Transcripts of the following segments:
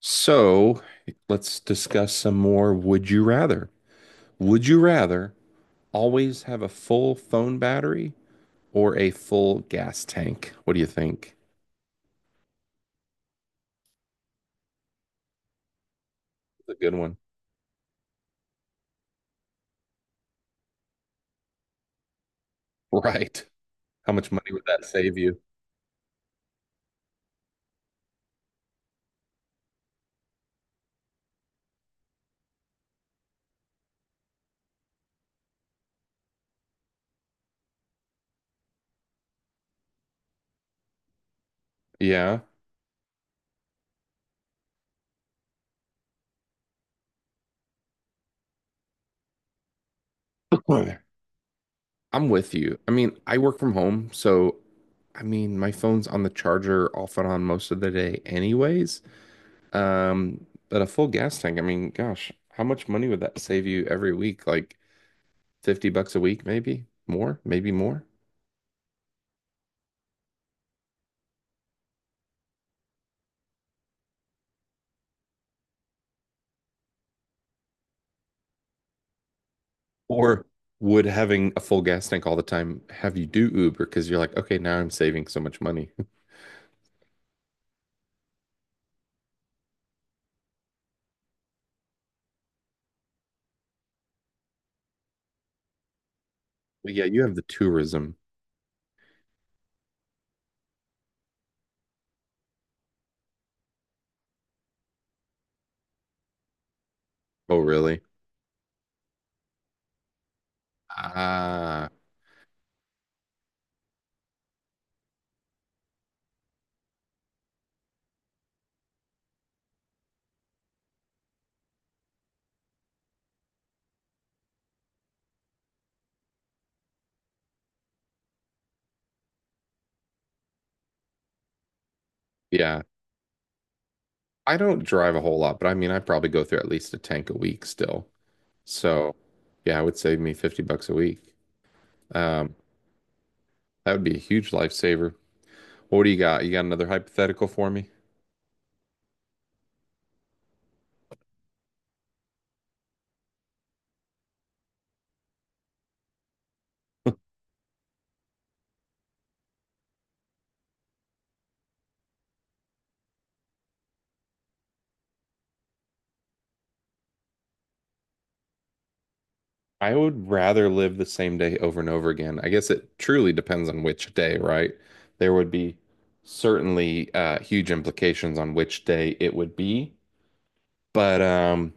So let's discuss some more would you rather. Would you rather always have a full phone battery or a full gas tank? What do you think? That's a good one. Right. How much money would that save you? Yeah. I'm with you. I mean, I work from home, so I mean, my phone's on the charger off and on most of the day anyways. But a full gas tank, I mean, gosh, how much money would that save you every week? Like $50 a week, maybe more, maybe more? Or would having a full gas tank all the time have you do Uber because you're like, okay, now I'm saving so much money? Well, yeah, you have the tourism. Oh, really? Ah, yeah. I don't drive a whole lot, but I mean, I probably go through at least a tank a week still. So, yeah, it would save me $50 a week. Um, that would be a huge lifesaver. What do you got? You got another hypothetical for me? I would rather live the same day over and over again. I guess it truly depends on which day, right? There would be certainly huge implications on which day it would be. But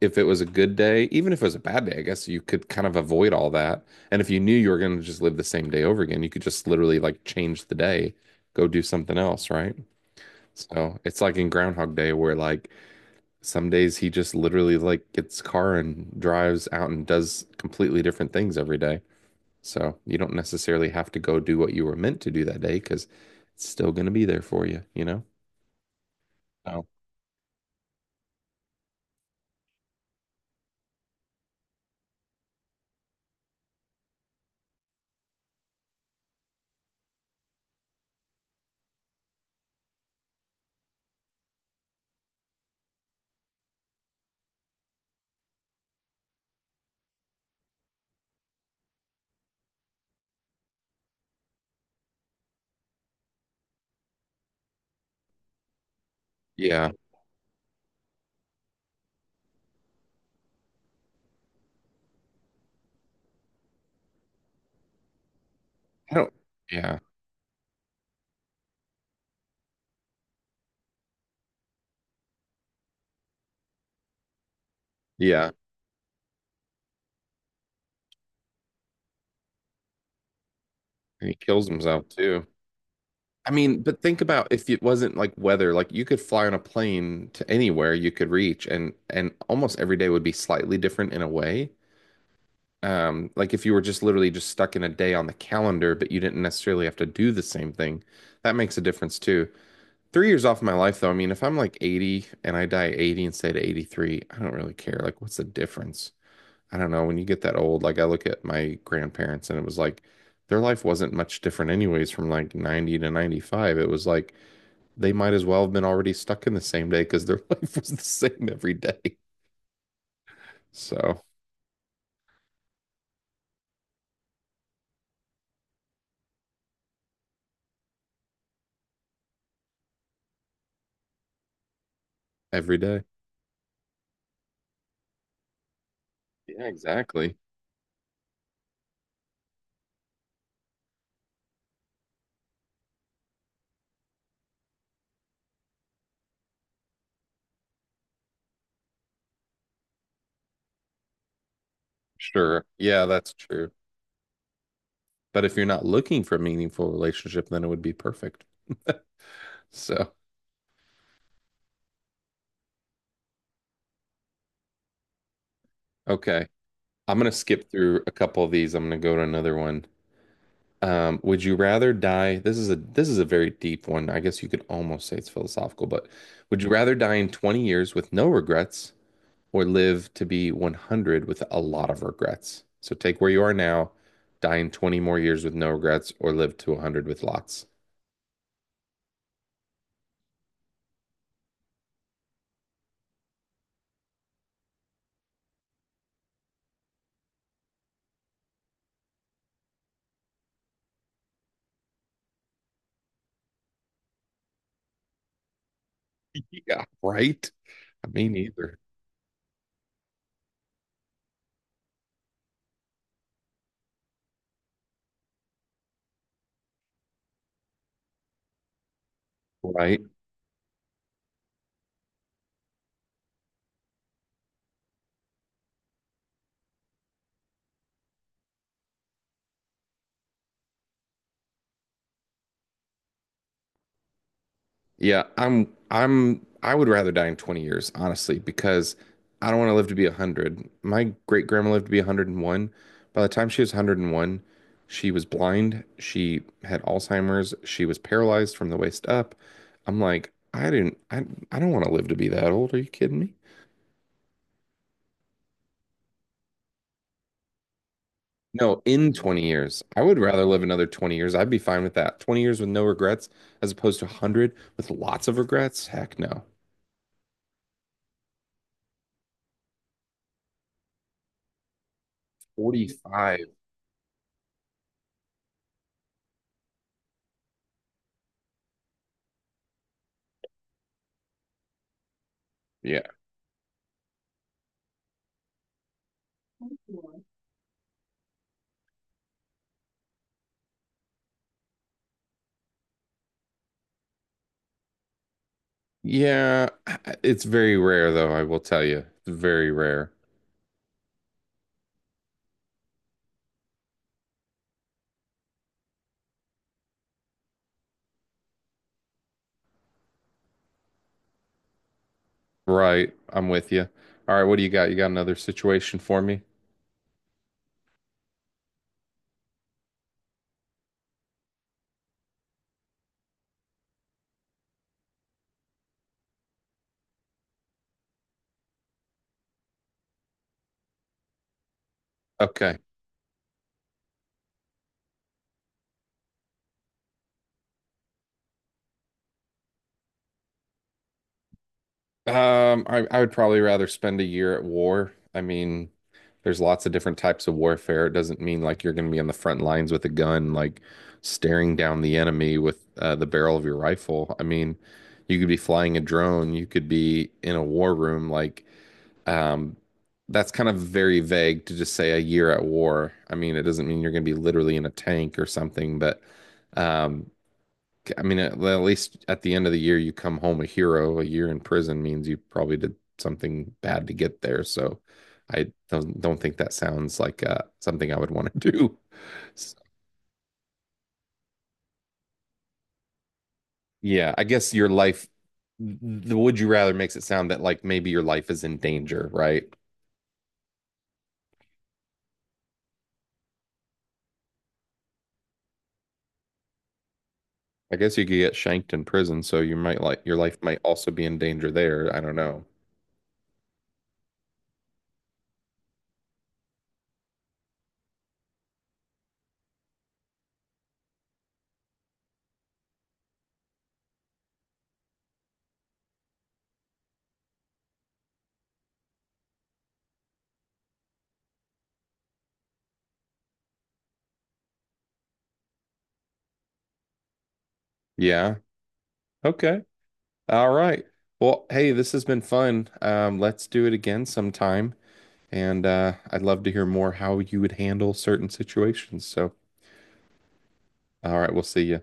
if it was a good day, even if it was a bad day, I guess you could kind of avoid all that. And if you knew you were going to just live the same day over again, you could just literally like change the day, go do something else, right? So it's like in Groundhog Day where like some days he just literally like gets a car and drives out and does completely different things every day. So you don't necessarily have to go do what you were meant to do that day because it's still going to be there for you, you know? Oh, yeah. I don't, yeah. Yeah. And he kills himself too. I mean, but think about if it wasn't like weather, like you could fly on a plane to anywhere you could reach and almost every day would be slightly different in a way. Like if you were just literally just stuck in a day on the calendar, but you didn't necessarily have to do the same thing, that makes a difference too. 3 years off of my life, though. I mean, if I'm like 80 and I die at 80 instead of 83, I don't really care. Like, what's the difference? I don't know. When you get that old, like I look at my grandparents and it was like their life wasn't much different, anyways, from like 90 to 95. It was like they might as well have been already stuck in the same day because their life was the same every day. So, every day. Yeah, exactly. Sure. Yeah, that's true. But if you're not looking for a meaningful relationship, then it would be perfect. So, okay. I'm gonna skip through a couple of these. I'm gonna go to another one. Would you rather die? This is a very deep one. I guess you could almost say it's philosophical, but would you rather die in 20 years with no regrets or live to be 100 with a lot of regrets? So take where you are now, die in 20 more years with no regrets, or live to 100 with lots. Yeah, right? I mean, either, right? Yeah, I would rather die in 20 years, honestly, because I don't want to live to be 100. My great grandma lived to be 101. By the time she was 101, she was blind, she had Alzheimer's, she was paralyzed from the waist up. I'm like, I didn't I don't want to live to be that old. Are you kidding me? No, in 20 years. I would rather live another 20 years. I'd be fine with that. 20 years with no regrets as opposed to 100 with lots of regrets. Heck no. 45. Yeah. Yeah, it's very rare though, I will tell you. It's very rare. Right, I'm with you. All right, what do you got? You got another situation for me? Okay. I would probably rather spend a year at war. I mean, there's lots of different types of warfare. It doesn't mean like you're going to be on the front lines with a gun, like staring down the enemy with the barrel of your rifle. I mean, you could be flying a drone, you could be in a war room, like Um, that's kind of very vague to just say a year at war. I mean, it doesn't mean you're going to be literally in a tank or something, but um, I mean, at least at the end of the year, you come home a hero. A year in prison means you probably did something bad to get there. So I don't think that sounds like something I would want to do. So, yeah, I guess your life, the would you rather makes it sound that like maybe your life is in danger, right? I guess you could get shanked in prison, so you might like your life might also be in danger there. I don't know. Yeah. Okay. All right. Well, hey, this has been fun. Let's do it again sometime. And I'd love to hear more how you would handle certain situations. So, all right, we'll see you.